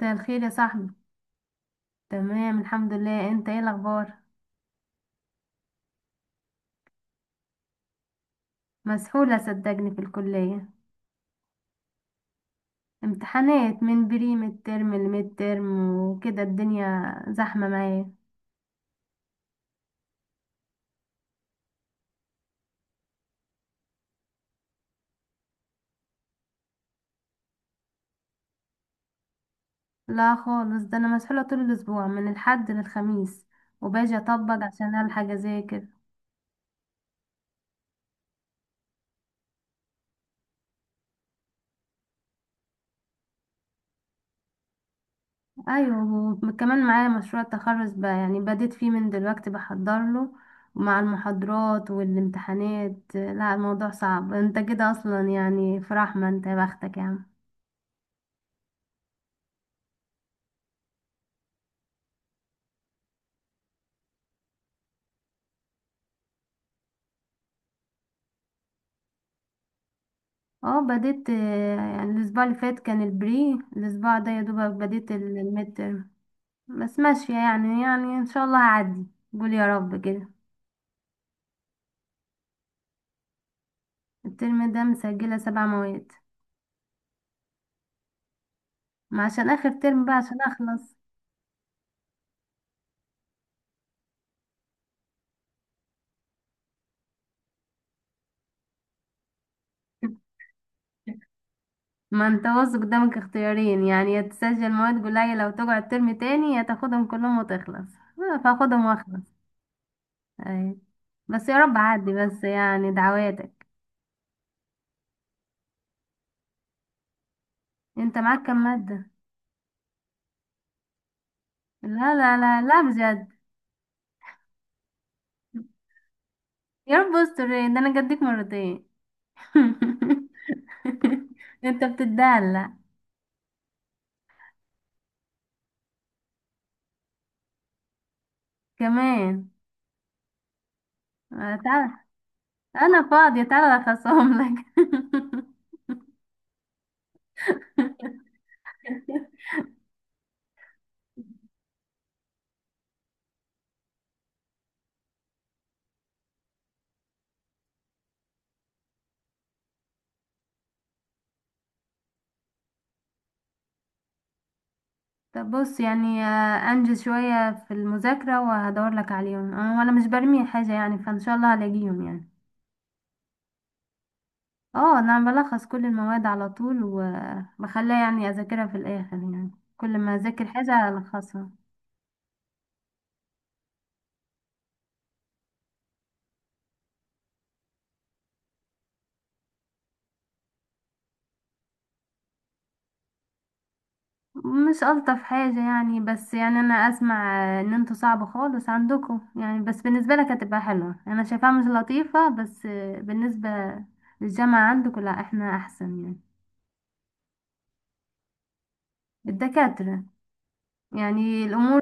مساء الخير يا صاحبي. تمام، الحمد لله، انت ايه الاخبار؟ مسحولة صدقني في الكلية. امتحانات من بري ميد ترم لميد ترم وكده، الدنيا زحمة معايا. لا خالص، ده انا مسحولة طول الاسبوع من الحد للخميس، وباجي اطبق عشان الحق اذاكر. ايوه، وكمان معايا مشروع التخرج بقى، يعني بديت فيه من دلوقتي بحضر له. ومع المحاضرات والامتحانات، لا الموضوع صعب. انت كده اصلا يعني في رحمة، انت يا بختك يا عم. اه بديت، يعني الاسبوع اللي فات كان البري، الاسبوع ده يا دوبك بديت الميد ترم. بس ماشية يعني ان شاء الله هعدي. قول يا رب كده. الترم ده مسجلة سبع مواد. ما عشان اخر ترم بقى عشان اخلص. ما انت واثق، قدامك اختيارين يعني: يا تسجل مواد قليلة لو تقعد ترم تاني، يا تاخدهم كلهم وتخلص. آه، فاخدهم واخلص. أي. بس يا رب عدي، بس يعني دعواتك. انت معاك كام مادة؟ لا لا لا لا بجد. يا رب استر، إيه ده انا جدك مرتين! انت بتدلع. كمان. آه، تعال. انا فاضية، تعالى اخصهم لك. طب بص يعني، انجز شوية في المذاكرة وهدور لك عليهم، وانا مش برمي حاجة يعني، فان شاء الله هلاقيهم يعني. اه، انا بلخص كل المواد على طول وبخليها يعني اذاكرها في الاخر يعني. كل ما اذاكر حاجة الخصها. مش ألطف حاجة يعني، بس يعني أنا أسمع إن انتوا صعب خالص عندكم يعني، بس بالنسبة لك هتبقى حلوة. أنا شايفاها مش لطيفة بس. بالنسبة للجامعة عندكم، لا احنا أحسن يعني. الدكاترة، يعني الأمور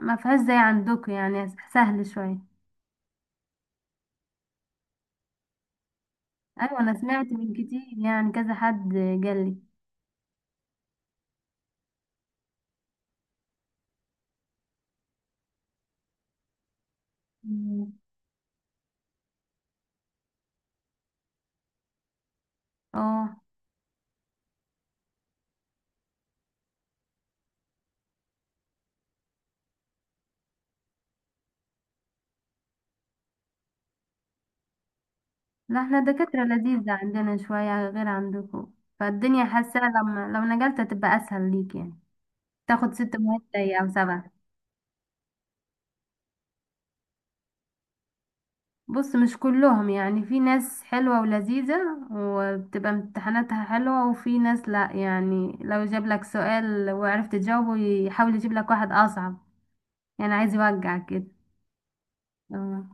ما فيهاش زي عندكم، يعني سهل شوية. أيوة أنا سمعت من كتير يعني، كذا حد قالي. مم. اه. لا، احنا الدكاترة لذيذة عندنا شوية غير عندكم. فالدنيا، حاسة لما لو نقلت هتبقى أسهل ليك يعني. تاخد ست مواد زي او سبعة. بص مش كلهم يعني، في ناس حلوة ولذيذة وبتبقى امتحاناتها حلوة، وفي ناس لا، يعني لو جاب لك سؤال وعرفت تجاوبه يحاول يجيب لك واحد اصعب. يعني عايز يوجعك كده. اه.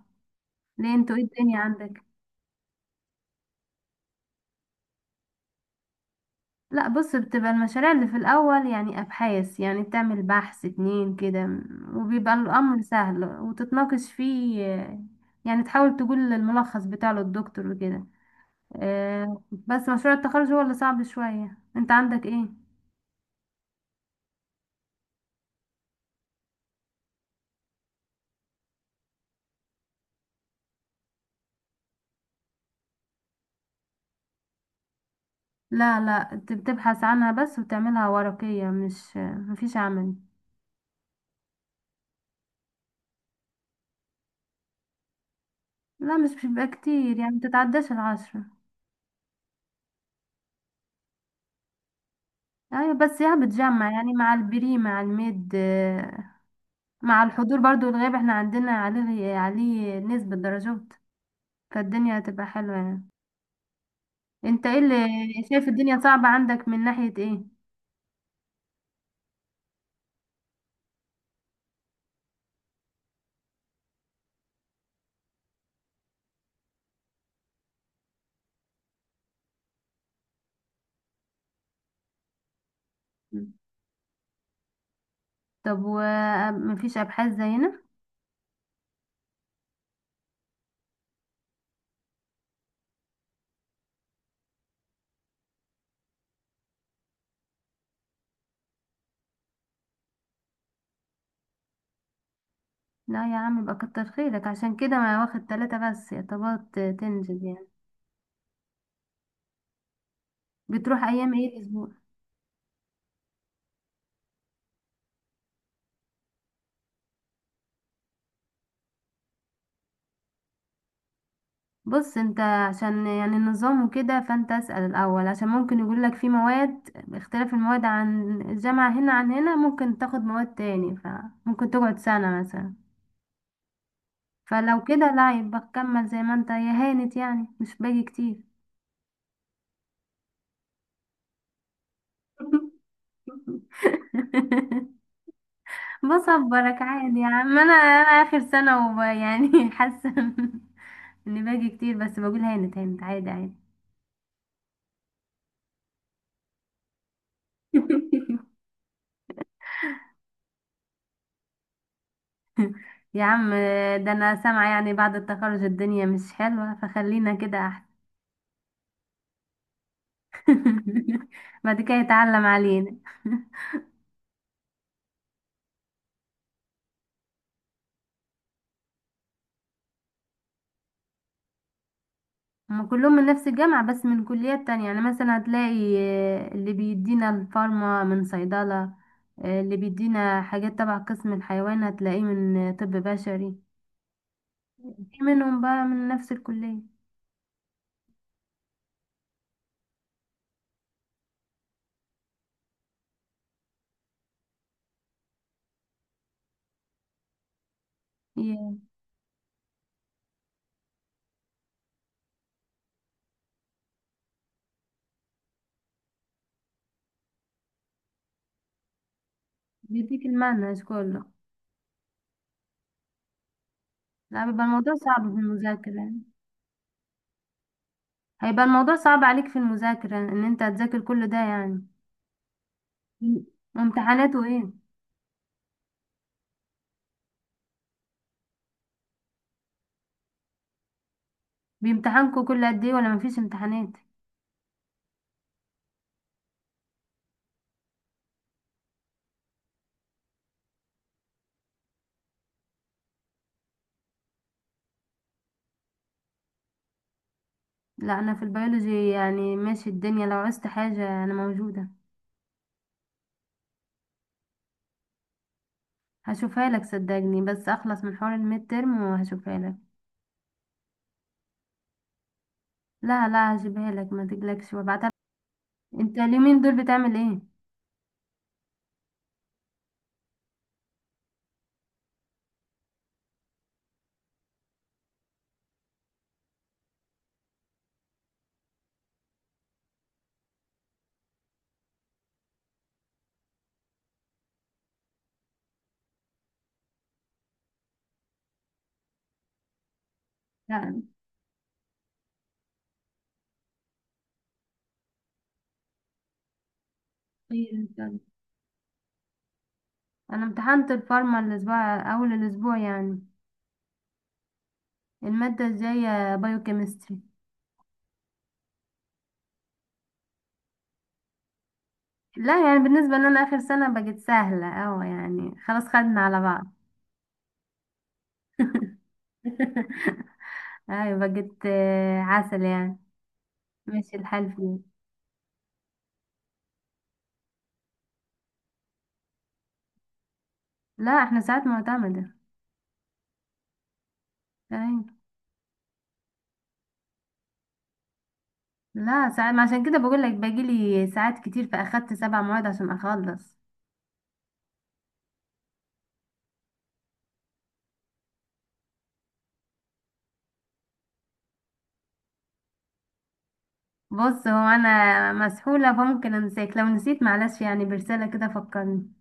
ليه انتوا، ايه الدنيا عندك؟ لا بص، بتبقى المشاريع اللي في الاول يعني ابحاث، يعني بتعمل بحث اتنين كده. وبيبقى الامر سهل وتتناقش فيه. يعني تحاول تقول الملخص بتاعه للدكتور وكده. بس مشروع التخرج هو اللي صعب شوية. انت عندك ايه؟ لا لا، انت بتبحث عنها بس وتعملها ورقية، مش مفيش عمل. لا مش بيبقى كتير يعني، متتعداش العشرة. ايوه بس، يا بتجمع يعني مع البري مع الميد مع الحضور برضو والغياب، احنا عندنا عليه نسبة درجات. فالدنيا هتبقى حلوة يعني. انت ايه اللي شايف الدنيا صعبة عندك من ناحية ايه؟ طب ومفيش ابحاث زينا؟ لا يا عم، يبقى كتر خيرك. عشان كده ما واخد تلاتة بس يعتبر تنزل يعني. بتروح ايام ايه الاسبوع؟ بص انت، عشان يعني النظام وكده، فانت اسأل الاول، عشان ممكن يقولك في مواد. اختلاف المواد عن الجامعة هنا عن هنا، ممكن تاخد مواد تاني، فممكن تقعد سنة مثلا. فلو كده لا، يبقى كمل زي ما انت، يا هانت يعني مش باقي كتير. بصبرك عادي يا عم، انا اخر سنة يعني حاسة. اللي باجي كتير، بس بقول هانت هانت عادي عادي. يا عم، ده انا سامعة يعني بعد التخرج الدنيا مش حلوة، فخلينا كده احسن. بعد كده يتعلم علينا. هما كلهم من نفس الجامعة بس من كليات تانية، يعني مثلا هتلاقي اللي بيدينا الفارما من صيدلة. اللي بيدينا حاجات تبع قسم الحيوان هتلاقيه من طب بشري. في منهم بقى من نفس الكلية. ي- بيديك المنهج كله. لا، بيبقى الموضوع صعب في المذاكرة. هيبقى الموضوع صعب عليك في المذاكرة ان انت هتذاكر كل ده يعني. امتحاناته ايه؟ بيمتحنكوا كل قد ايه ولا مفيش امتحانات؟ لا انا في البيولوجي يعني ماشي الدنيا، لو عوزت حاجة انا موجودة. هشوفها لك صدقني، بس اخلص من حوار الميد ترم وهشوفها لك. لا لا، هجيبها لك ما تقلقش وابعتها لك. انت اليومين دول بتعمل ايه؟ لا، خير ان شاء الله. انا امتحنت الفارما الاسبوع، اول الاسبوع يعني. المادة الجاية بايوكيمستري. لا يعني بالنسبة لنا آخر سنة بقت سهلة أوي، يعني خلاص خدنا على بعض. أيوة بقت عسل يعني. ماشي الحال فيه. لا، احنا ساعات معتمدة. أيوة. لا ساعات، ما عشان كده بقول لك باجيلي ساعات كتير فأخدت سبع مواد عشان أخلص. بص، هو أنا مسحولة فممكن أنساك، لو نسيت معلش يعني برسالة كده فكرني.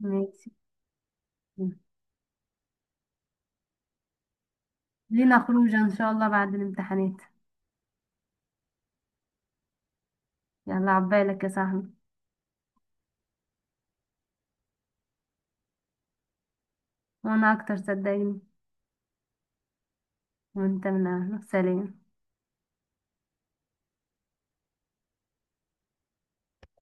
ماشي. لينا خروجة إن شاء الله بعد الامتحانات. يلا عبالك يا صاحبي. وأنا أكتر صدقني. وأنت من أهله، سلام.